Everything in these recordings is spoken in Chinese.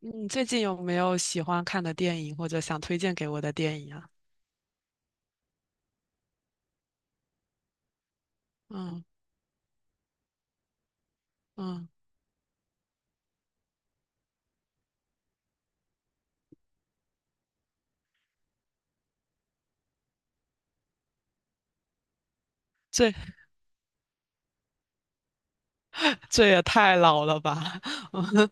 你最近有没有喜欢看的电影，或者想推荐给我的电影啊？嗯嗯，这这也太老了吧？嗯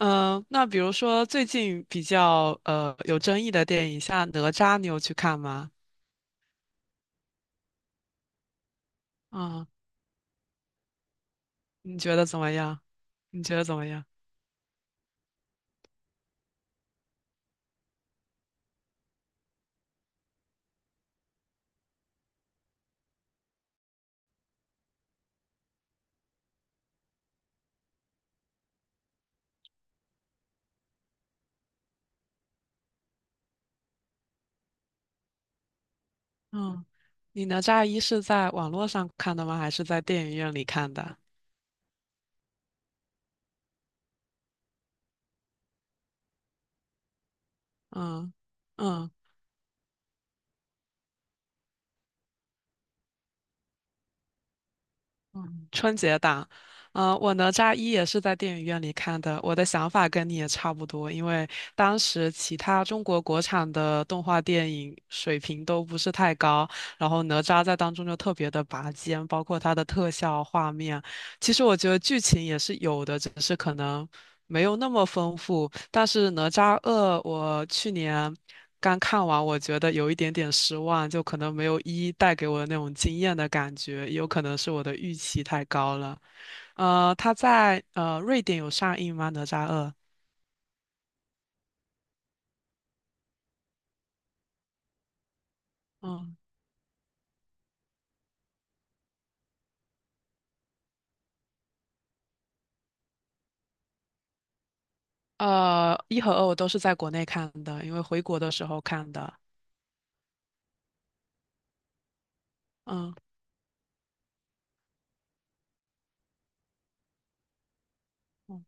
嗯。那比如说最近比较有争议的电影，像《哪吒》，你有去看吗？嗯，你觉得怎么样？你觉得怎么样？嗯，你《哪吒一》是在网络上看的吗？还是在电影院里看的？嗯嗯。嗯，春节档，嗯，我哪吒一也是在电影院里看的。我的想法跟你也差不多，因为当时其他中国国产的动画电影水平都不是太高，然后哪吒在当中就特别的拔尖，包括它的特效画面。其实我觉得剧情也是有的，只是可能没有那么丰富。但是哪吒二，我去年刚看完，我觉得有一点点失望，就可能没有一带给我的那种惊艳的感觉，也有可能是我的预期太高了。他在瑞典有上映吗？《哪吒二》？嗯，一和二我都是在国内看的，因为回国的时候看的。嗯嗯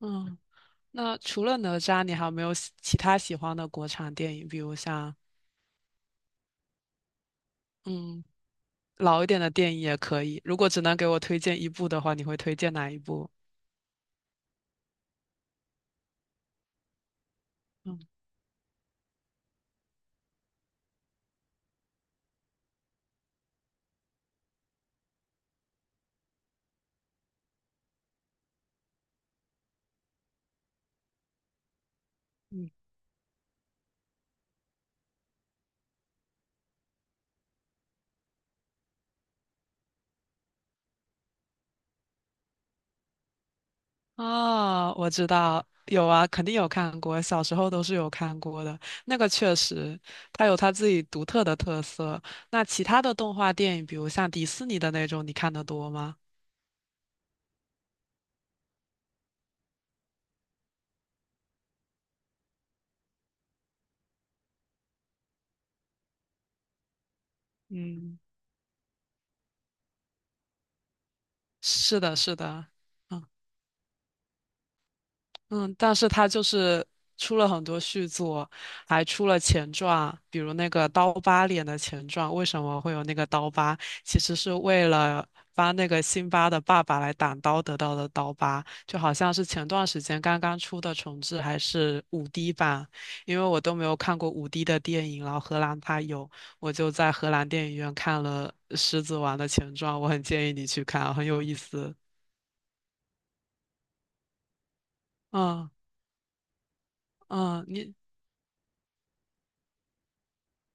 嗯。那除了哪吒，你还有没有喜其他喜欢的国产电影？比如像嗯老一点的电影也可以。如果只能给我推荐一部的话，你会推荐哪一部？嗯。哦，我知道，有啊，肯定有看过，小时候都是有看过的。那个确实，它有它自己独特的特色。那其他的动画电影，比如像迪士尼的那种，你看得多吗？嗯，是的，是的，嗯。嗯，但是他就是出了很多续作，还出了前传，比如那个刀疤脸的前传，为什么会有那个刀疤？其实是为了帮那个辛巴的爸爸来挡刀得到的刀疤，就好像是前段时间刚刚出的重制还是五 d 版，因为我都没有看过五 d 的电影，然后荷兰它有，我就在荷兰电影院看了《狮子王》的前传，我很建议你去看，很有意思。嗯嗯，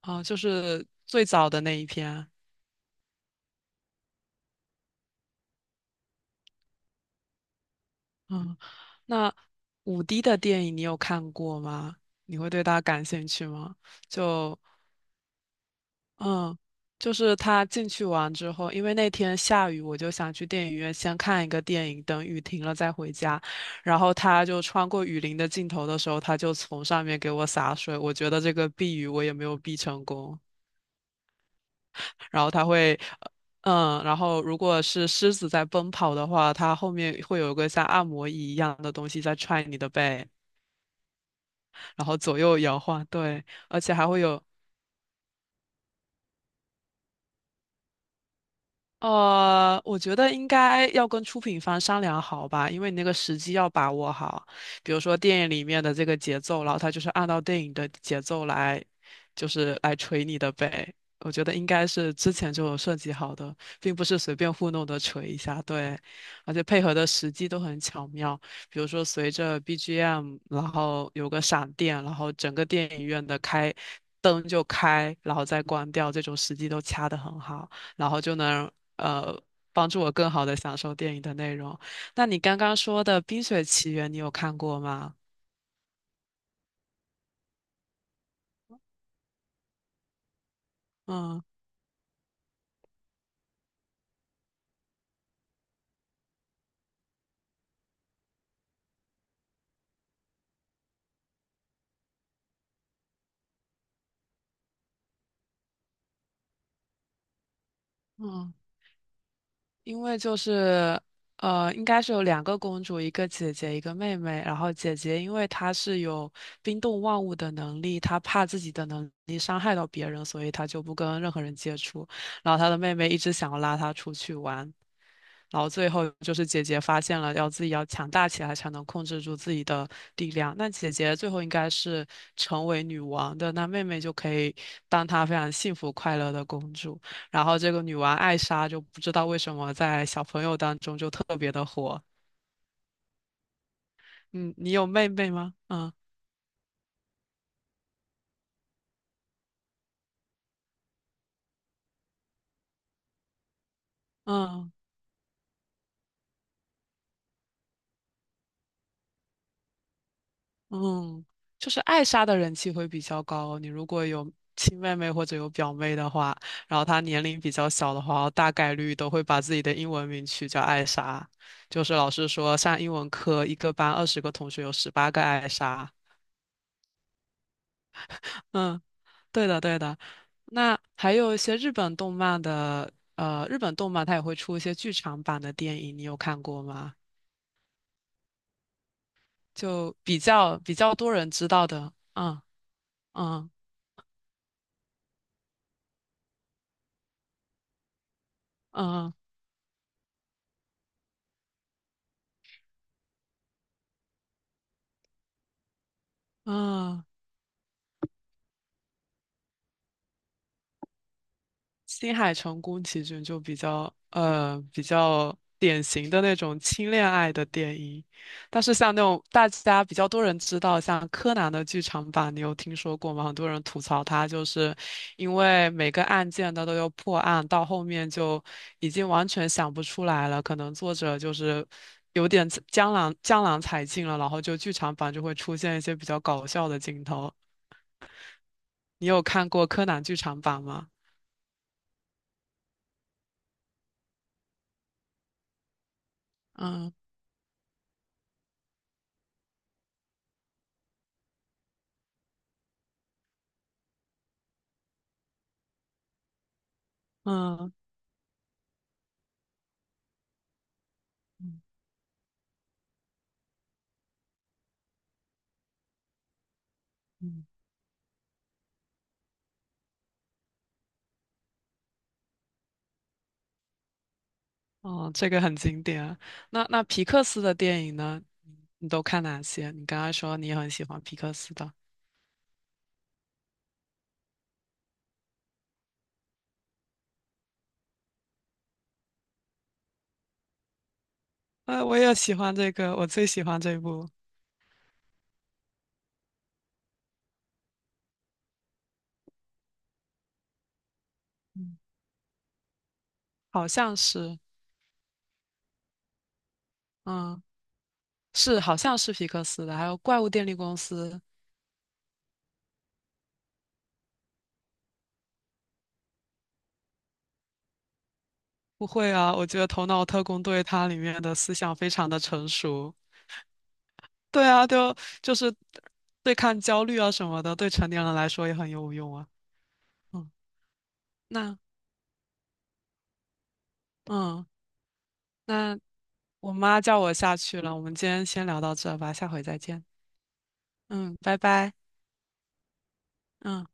哦，就是最早的那一篇。嗯，那五 D 的电影你有看过吗？你会对它感兴趣吗？就嗯，就是他进去完之后，因为那天下雨，我就想去电影院先看一个电影，等雨停了再回家。然后他就穿过雨林的尽头的时候，他就从上面给我洒水，我觉得这个避雨我也没有避成功。然后它会，呃然后如果是狮子在奔跑的话，它后面会有一个像按摩椅一样的东西在踹你的背，然后左右摇晃，对，而且还会有，我觉得应该要跟出品方商量好吧，因为你那个时机要把握好。比如说电影里面的这个节奏，然后他就是按照电影的节奏来，就是来锤你的呗。我觉得应该是之前就有设计好的，并不是随便糊弄的锤一下。对，而且配合的时机都很巧妙，比如说随着 BGM，然后有个闪电，然后整个电影院的开灯就开，然后再关掉，这种时机都掐的很好。然后就能呃帮助我更好的享受电影的内容。那你刚刚说的《冰雪奇缘》，你有看过吗？嗯嗯，因为就是应该是有两个公主，一个姐姐，一个妹妹。然后姐姐因为她是有冰冻万物的能力，她怕自己的能力伤害到别人，所以她就不跟任何人接触。然后她的妹妹一直想要拉她出去玩。然后最后就是姐姐发现了，要自己要强大起来才能控制住自己的力量。那姐姐最后应该是成为女王的，那妹妹就可以当她非常幸福快乐的公主。然后这个女王艾莎就不知道为什么在小朋友当中就特别的火。嗯，你有妹妹吗？嗯嗯。嗯，就是艾莎的人气会比较高。你如果有亲妹妹或者有表妹的话，然后她年龄比较小的话，大概率都会把自己的英文名取叫艾莎。就是老师说，上英文课一个班20个同学有18个艾莎。嗯，对的，对的。那还有一些日本动漫的，日本动漫它也会出一些剧场版的电影，你有看过吗？就比较多人知道的，嗯嗯嗯嗯。新海诚宫崎骏就比较比较典型的那种轻恋爱的电影，但是像那种大家比较多人知道，像柯南的剧场版，你有听说过吗？很多人吐槽它，就是因为每个案件它都要破案，到后面就已经完全想不出来了，可能作者就是。有点江郎才尽了，然后就剧场版就会出现一些比较搞笑的镜头。你有看过柯南剧场版吗？嗯嗯。哦，这个很经典啊那皮克斯的电影呢？你都看哪些？你刚刚说你也很喜欢皮克斯的，我也喜欢这个，我最喜欢这部，嗯，好像是，嗯，是好像是皮克斯的，还有《怪物电力公司》。不会啊，我觉得《头脑特工队》它里面的思想非常的成熟。对啊，就是对抗焦虑啊什么的，对成年人来说也很有用啊。嗯，那嗯。那。我妈叫我下去了，我们今天先聊到这吧，下回再见。嗯，拜拜。嗯。